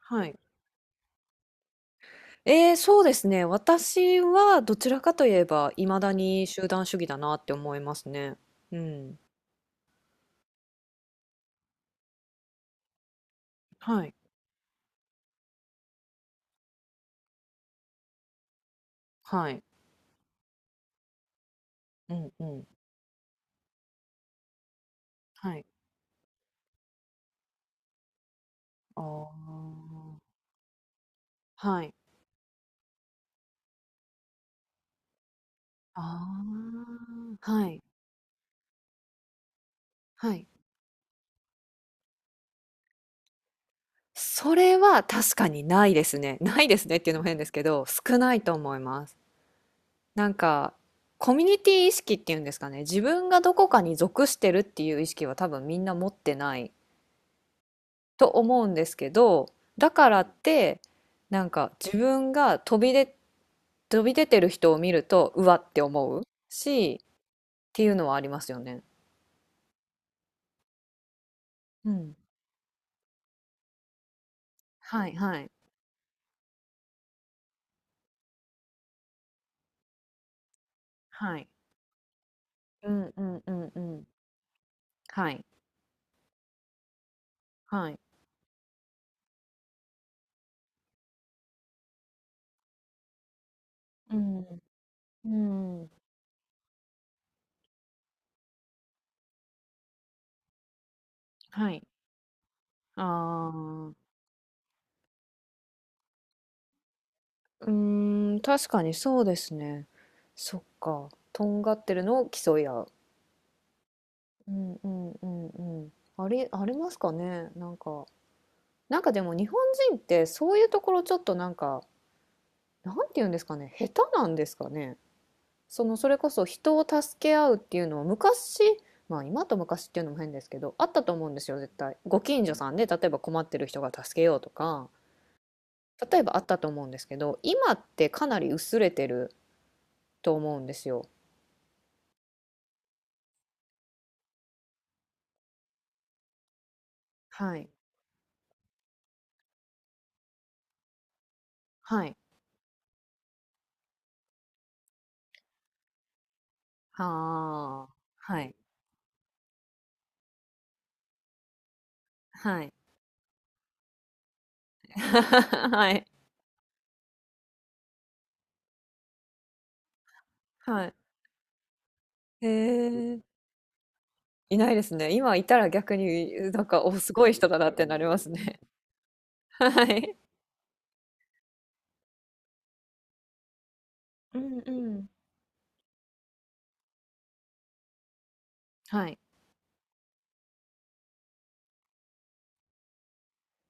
はい。そうですね。私はどちらかといえば、いまだに集団主義だなって思いますね。うん。はい。はい。うんうん。はい。ああ。はい。ああ。はい。はい。それは確かにないですね。ないですねっていうのも変ですけど、少ないと思います。なんか、コミュニティ意識っていうんですかね。自分がどこかに属してるっていう意識は多分みんな持ってないと思うんですけど、だからってなんか自分が飛び出、飛び出てる人を見るとうわって思うしっていうのはありますよね。うん。はいはいはい。うんうんうんうん。はいはい。うん。うん。はい。ああ。うーん、確かにそうですね。そっか。とんがってるのを競い合う。うんうんうんうん。ありますかね。なんか。なんかでも日本人ってそういうところちょっとなんか、なんて言うんですかね、下手なんですかね。そのそれこそ人を助け合うっていうのは昔、まあ今と昔っていうのも変ですけど、あったと思うんですよ。絶対ご近所さんで例えば困ってる人が助けようとか、例えばあったと思うんですけど、今ってかなり薄れてると思うんですよ。はいはい。はあ。はいはい。 はいはい。へえ。いないですね。今いたら逆に、なんか、お、すごい人だなってなりますね。はい。うんうん。はい。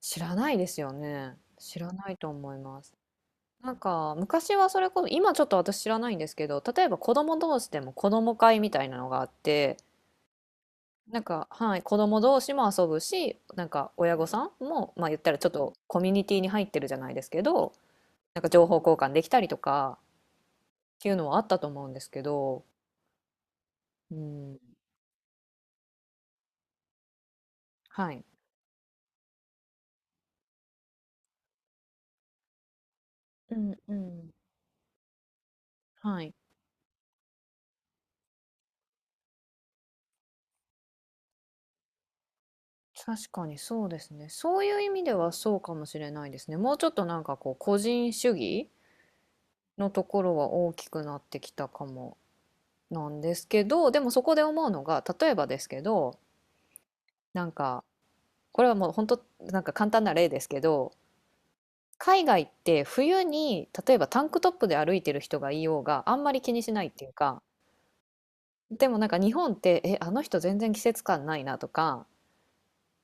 知らないですよね。知らないと思います。なんか、昔はそれこそ、今ちょっと私知らないんですけど、例えば子供同士でも子供会みたいなのがあって、なんか、はい、子供同士も遊ぶし、なんか親御さんも、まあ言ったらちょっとコミュニティに入ってるじゃないですけど、なんか情報交換できたりとかっていうのはあったと思うんですけど、うん、はい、うんうん。はい。確かにそうですね。そういう意味ではそうかもしれないですね。もうちょっとなんかこう個人主義のところは大きくなってきたかもなんですけど、でもそこで思うのが、例えばですけど、なんかこれはもう本当なんか簡単な例ですけど、海外って冬に例えばタンクトップで歩いてる人がいようがあんまり気にしないっていうか、でもなんか日本って、え、あの人全然季節感ないなとか、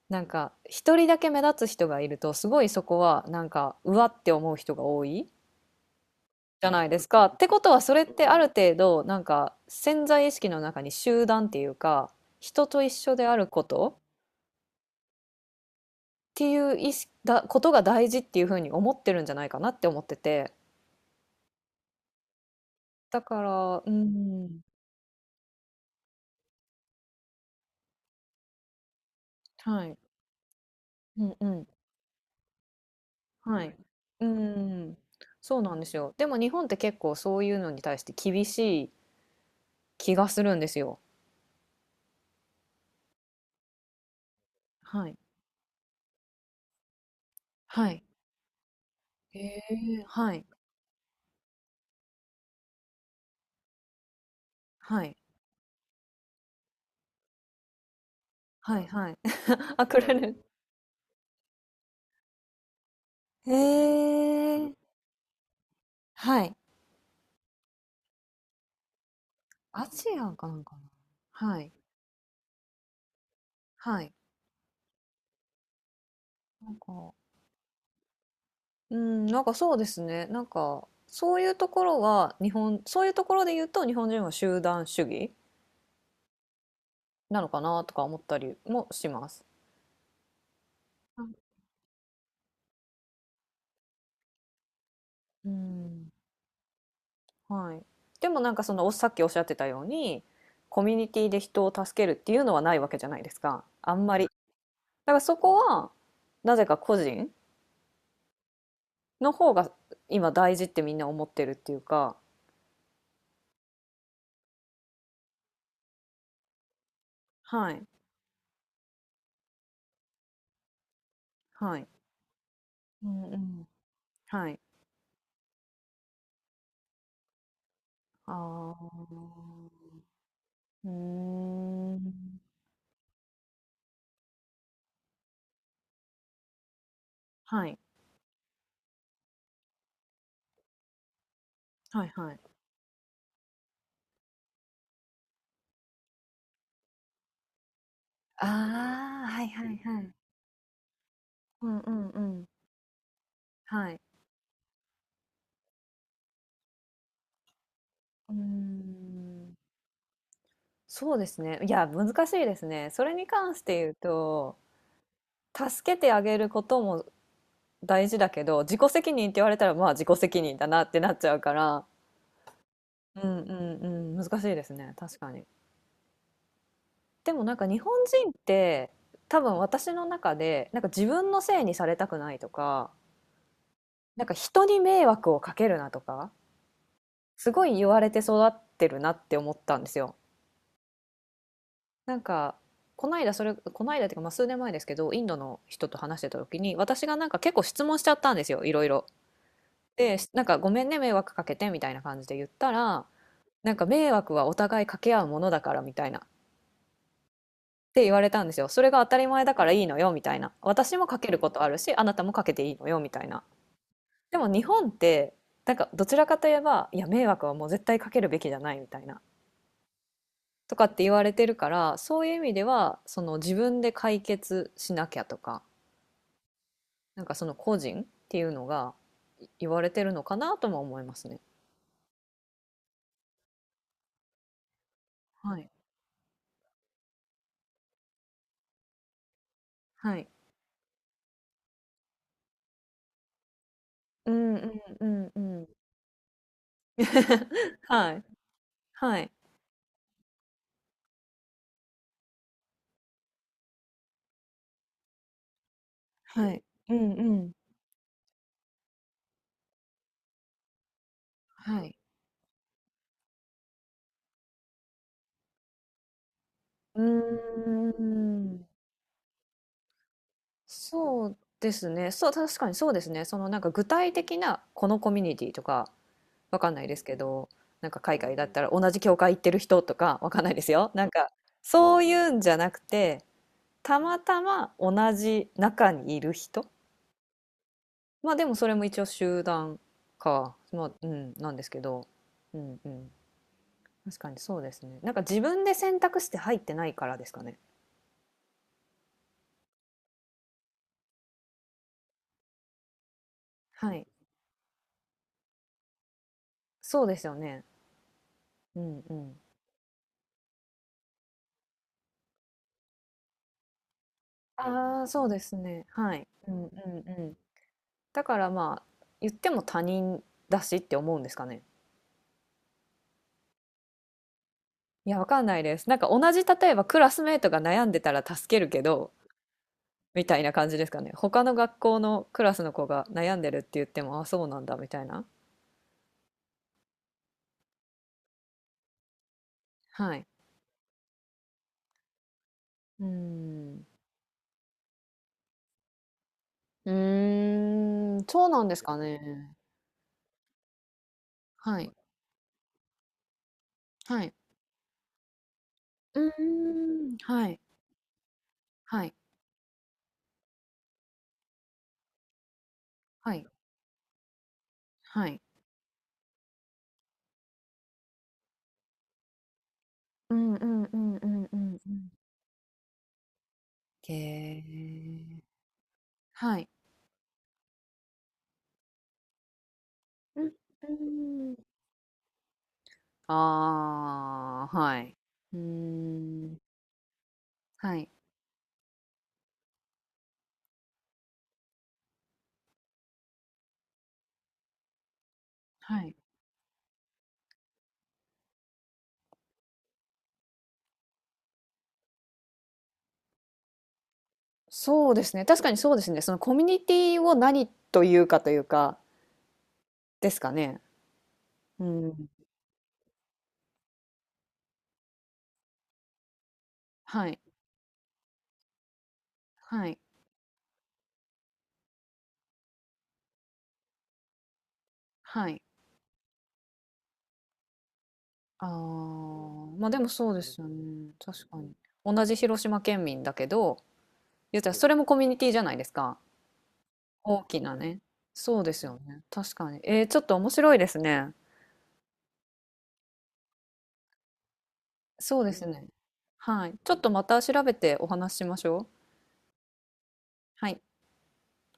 なんか一人だけ目立つ人がいるとすごいそこはなんかうわって思う人が多いじゃないですか。ってことはそれってある程度なんか潜在意識の中に集団っていうか人と一緒であることっていう意識だことが大事っていうふうに思ってるんじゃないかなって思ってて、だから。うん。はい。うんうん。はい。うん。そうなんですよ。でも日本って結構そういうのに対して厳しい気がするんですよ。はい。はい。へえ、はい、はい、はい、はい。あ、くれる。へえ、はい。アジアかなんかな。はい、はい。なんか、うん、なんかそうですね。なんか、そういうところは、日本、そういうところで言うと、日本人は集団主義なのかなとか思ったりもします。うん、はい。でもなんかそのおさっきおっしゃってたように、コミュニティで人を助けるっていうのはないわけじゃないですか。あんまり。だからそこはなぜか個人の方が今大事ってみんな思ってるっていうか、はい。はい。うんうん。はい。あー。うーん。あ。はい。はいはい。あー、はいはいはい。うんうんうん。はい。うーん、そうですね。いや、難しいですね。それに関して言うと、助けてあげることも大事だけど、自己責任って言われたら、まあ自己責任だなってなっちゃうから、うんうんうん、難しいですね。確かに。でもなんか日本人って多分私の中でなんか自分のせいにされたくないとか、なんか人に迷惑をかけるなとか、すごい言われて育ってるなって思ったんですよ。なんかこの間、それ、この間っていうかまあ数年前ですけど、インドの人と話してた時に私がなんか結構質問しちゃったんですよ、いろいろ。でなんか「ごめんね、迷惑かけて」みたいな感じで言ったら、なんか迷惑はお互いかけ合うものだから、みたいなって言われたんですよ。それが当たり前だからいいのよ、みたいな。私もかけることあるし、あなたもかけていいのよ、みたいな。でも日本ってなんかどちらかといえば、いや迷惑はもう絶対かけるべきじゃないみたいな、とかって言われてるから、そういう意味ではその自分で解決しなきゃとか、なんかその個人っていうのが言われてるのかなとも思いますね。はい。はい。うんうんうんうん。はい。はい。はい。うんうん。はい。うーん。そうですね。そう、確かにそうですね。そのなんか具体的なこのコミュニティとかわかんないですけど、なんか海外だったら同じ教会行ってる人とかわかんないですよ。なんかそういうんじゃなくて、たまたま同じ中にいる人。まあでもそれも一応集団か。まあ、うん、なんですけど。うんうん。確かにそうですね。なんか自分で選択して入ってないからですかね。はい。そうですよね。うんうん。ああ、そうですね。はい。うんうんうん。だからまあ、言っても他人だしって思うんですかね。いや、わかんないです。なんか同じ、例えばクラスメートが悩んでたら助けるけど、みたいな感じですかね。他の学校のクラスの子が悩んでるって言っても、あ、そうなんだ、みたいな。はい。うーん。うーん、そうなんですかね。はい。はい。うーん、はい。はい。はい。はい。うんうんうんうんうんうん。へえ。はい。うん、うーん。ああ、はい。うーん。はい。はい。そうですね。確かにそうですね。そのコミュニティを何というかというか、ですかね。うん。はい。はい。はい。ああ、まあでもそうですよね。確かに。同じ広島県民だけど、言ったらそれもコミュニティじゃないですか。大きなね。そうですよね。確かに。えー、ちょっと面白いですね。そうですね。はい。ちょっとまた調べてお話ししましょう。はい。